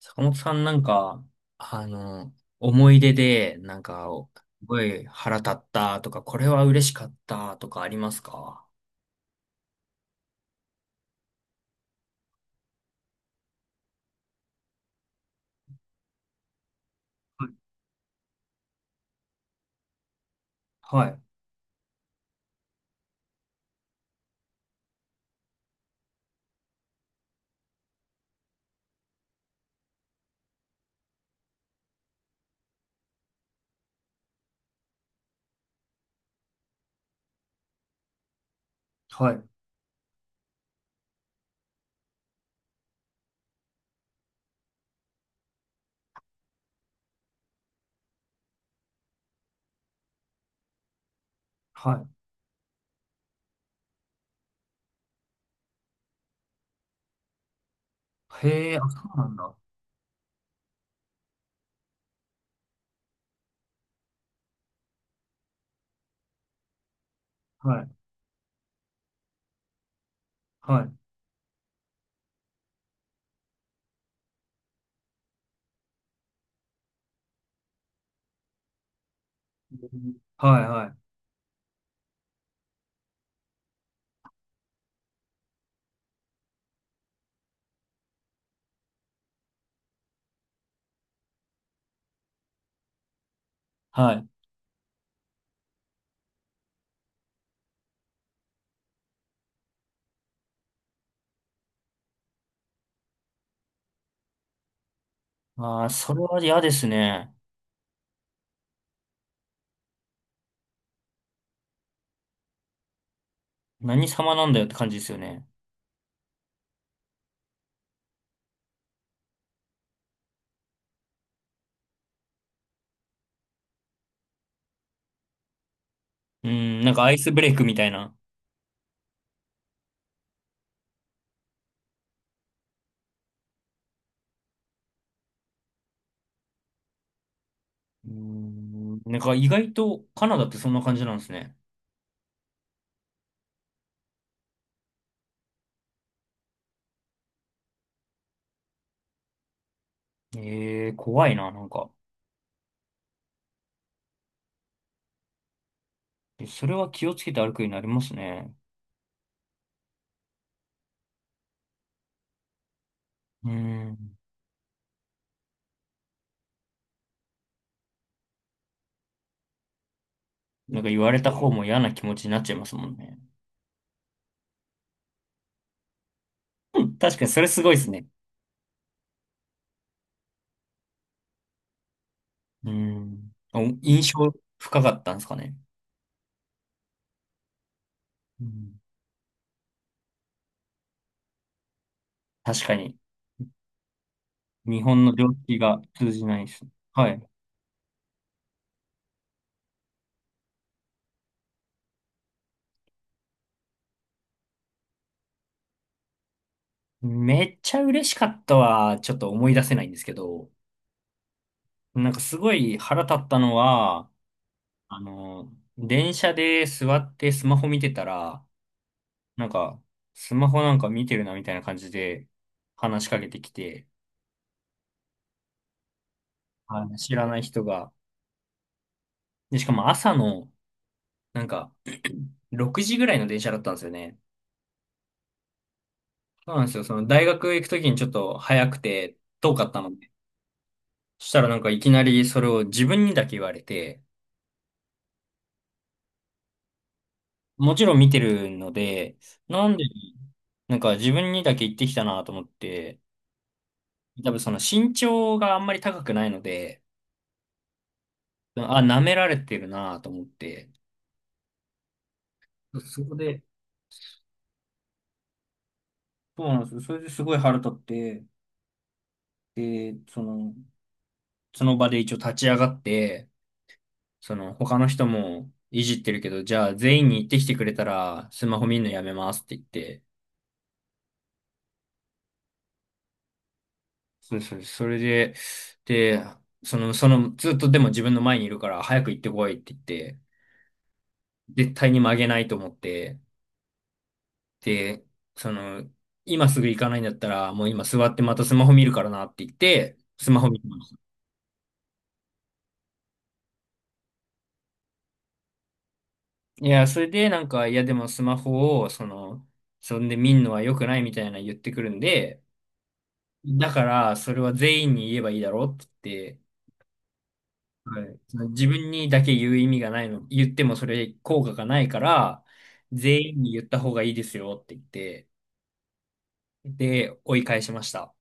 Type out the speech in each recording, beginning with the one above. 坂本さんあの、思い出で、すごい腹立ったとか、これは嬉しかったとかありますか？はい、はい、はい。へえ、あ、そうなんだ。はい、はい。うん、はい、はい。はい。ああ、それは嫌ですね。何様なんだよって感じですよね。うん、なんかアイスブレイクみたいな。うん、なんか意外とカナダってそんな感じなんですね。ええ、怖いな、なんか。それは気をつけて歩くようになりますね。うん。なんか言われた方も嫌な気持ちになっちゃいますもんね。うん、確かにそれすごいですね。うん。お印象深かったんですかね。うん。確かに。日本の常識が通じないです。はい。めっちゃ嬉しかったは、ちょっと思い出せないんですけど、なんかすごい腹立ったのは、あの、電車で座ってスマホ見てたら、なんか、スマホなんか見てるなみたいな感じで話しかけてきて、あの知らない人が、で、しかも朝の、なんか、6時ぐらいの電車だったんですよね。そうなんですよ。その大学行くときにちょっと早くて遠かったので。そしたらなんかいきなりそれを自分にだけ言われて、もちろん見てるので、なんで、なんか自分にだけ言ってきたなと思って、多分その身長があんまり高くないので、あ、舐められてるなと思って、そこで、そうなんですよ。それですごい腹立って、で、その、その場で一応立ち上がって、その、他の人もいじってるけど、じゃあ全員に言ってきてくれたら、スマホ見るのやめますって言って、そうそう、それで、で、ずっとでも自分の前にいるから、早く行ってこいって言って、絶対に曲げないと思って、で、その、今すぐ行かないんだったら、もう今座ってまたスマホ見るからなって言って、スマホ見ました。いや、それでなんか、いやでもスマホを、その、そんで見んのは良くないみたいな言ってくるんで、だから、それは全員に言えばいいだろうって言って、はい。その自分にだけ言う意味がないの、言ってもそれ効果がないから、全員に言った方がいいですよって言って、で、追い返しました。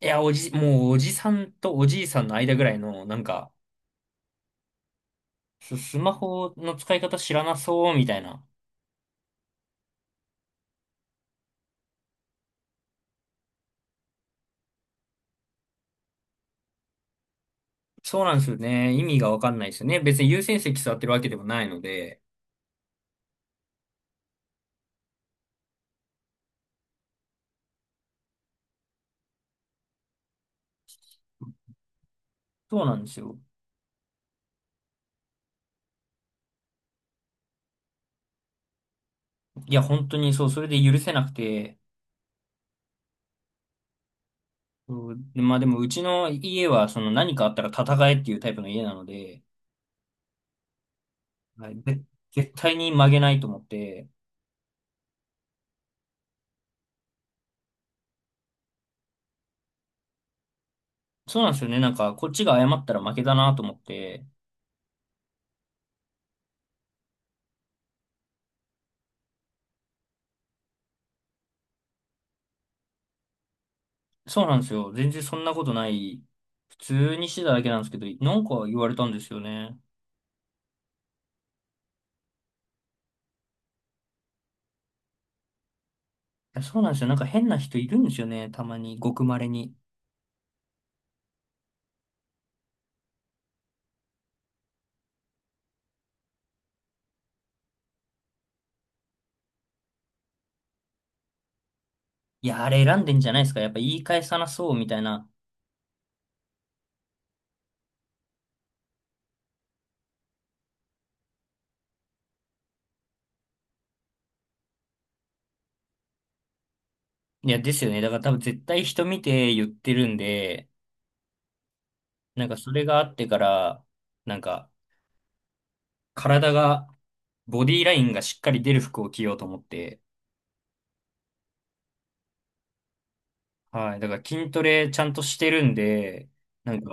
いや、おじ、もうおじさんとおじいさんの間ぐらいの、なんか、ス、スマホの使い方知らなそうみたいな。そうなんですよね。意味がわかんないですよね。別に優先席座ってるわけでもないので。そうなんですよ。いや、本当にそう、それで許せなくて、そう、まあでも、うちの家は、その何かあったら戦えっていうタイプの家なので、はい、で、絶対に曲げないと思って、そうなんですよね。なんか、こっちが謝ったら負けだなと思って、そうなんですよ。全然そんなことない。普通にしてただけなんですけど、なんか言われたんですよね。いや、そうなんですよ。なんか変な人いるんですよね。たまに、ごく稀に。いや、あれ選んでんじゃないですか。やっぱ言い返さなそうみたいな。いや、ですよね。だから多分絶対人見て言ってるんで、なんかそれがあってから、なんか、体が、ボディラインがしっかり出る服を着ようと思って、はい。だから筋トレちゃんとしてるんで、なんか、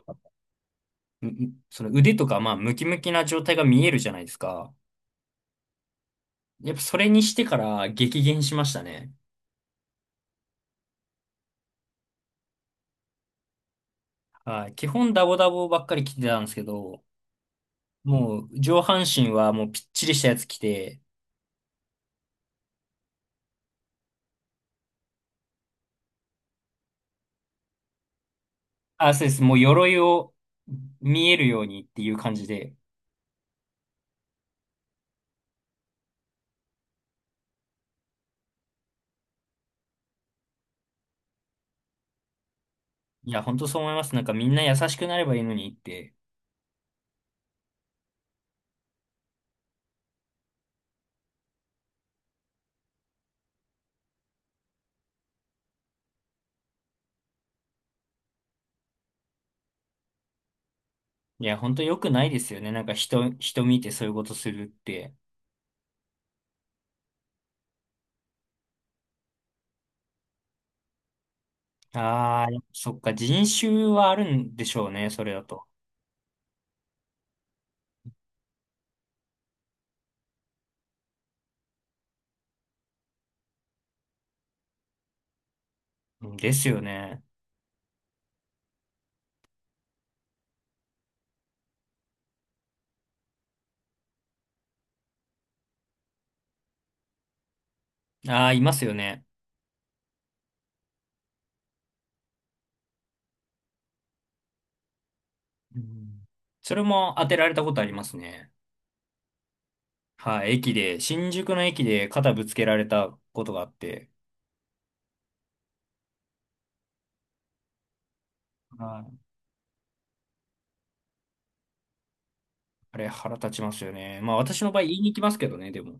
ううその腕とか、まあ、ムキムキな状態が見えるじゃないですか。やっぱそれにしてから激減しましたね。はい。基本ダボダボばっかり着てたんですけど、もう上半身はもうぴっちりしたやつ着て、あ、そうです。もう鎧を見えるようにっていう感じで。いや、本当そう思います。なんかみんな優しくなればいいのにって。いや、本当良くないですよね。なんか人、人見てそういうことするって。ああ、そっか、人種はあるんでしょうね、それだと。うん、ですよね。ああ、いますよね。うん、それも当てられたことありますね。はい、駅で、新宿の駅で肩ぶつけられたことがあって、はい、あれ腹立ちますよね。まあ私の場合言いに行きますけどね、でも。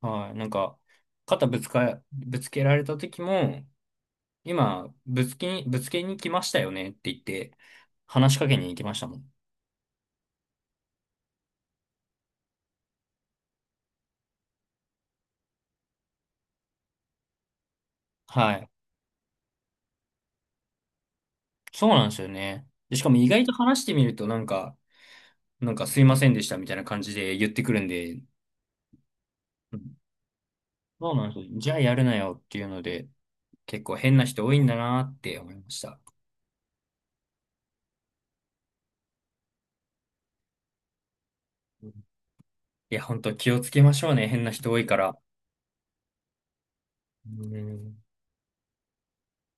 はい、なんか、肩ぶつか、ぶつけられた時も、今、ぶつけに、ぶつけに来ましたよねって言って、話しかけに行きましたもん。はい。そうなんですよね。で、しかも意外と話してみると、なんか、なんかすいませんでしたみたいな感じで言ってくるんで、うん、そうなんですよ。じゃあやるなよっていうので、結構変な人多いんだなって思いました。うん、いや、本当気をつけましょうね。変な人多いから。うん。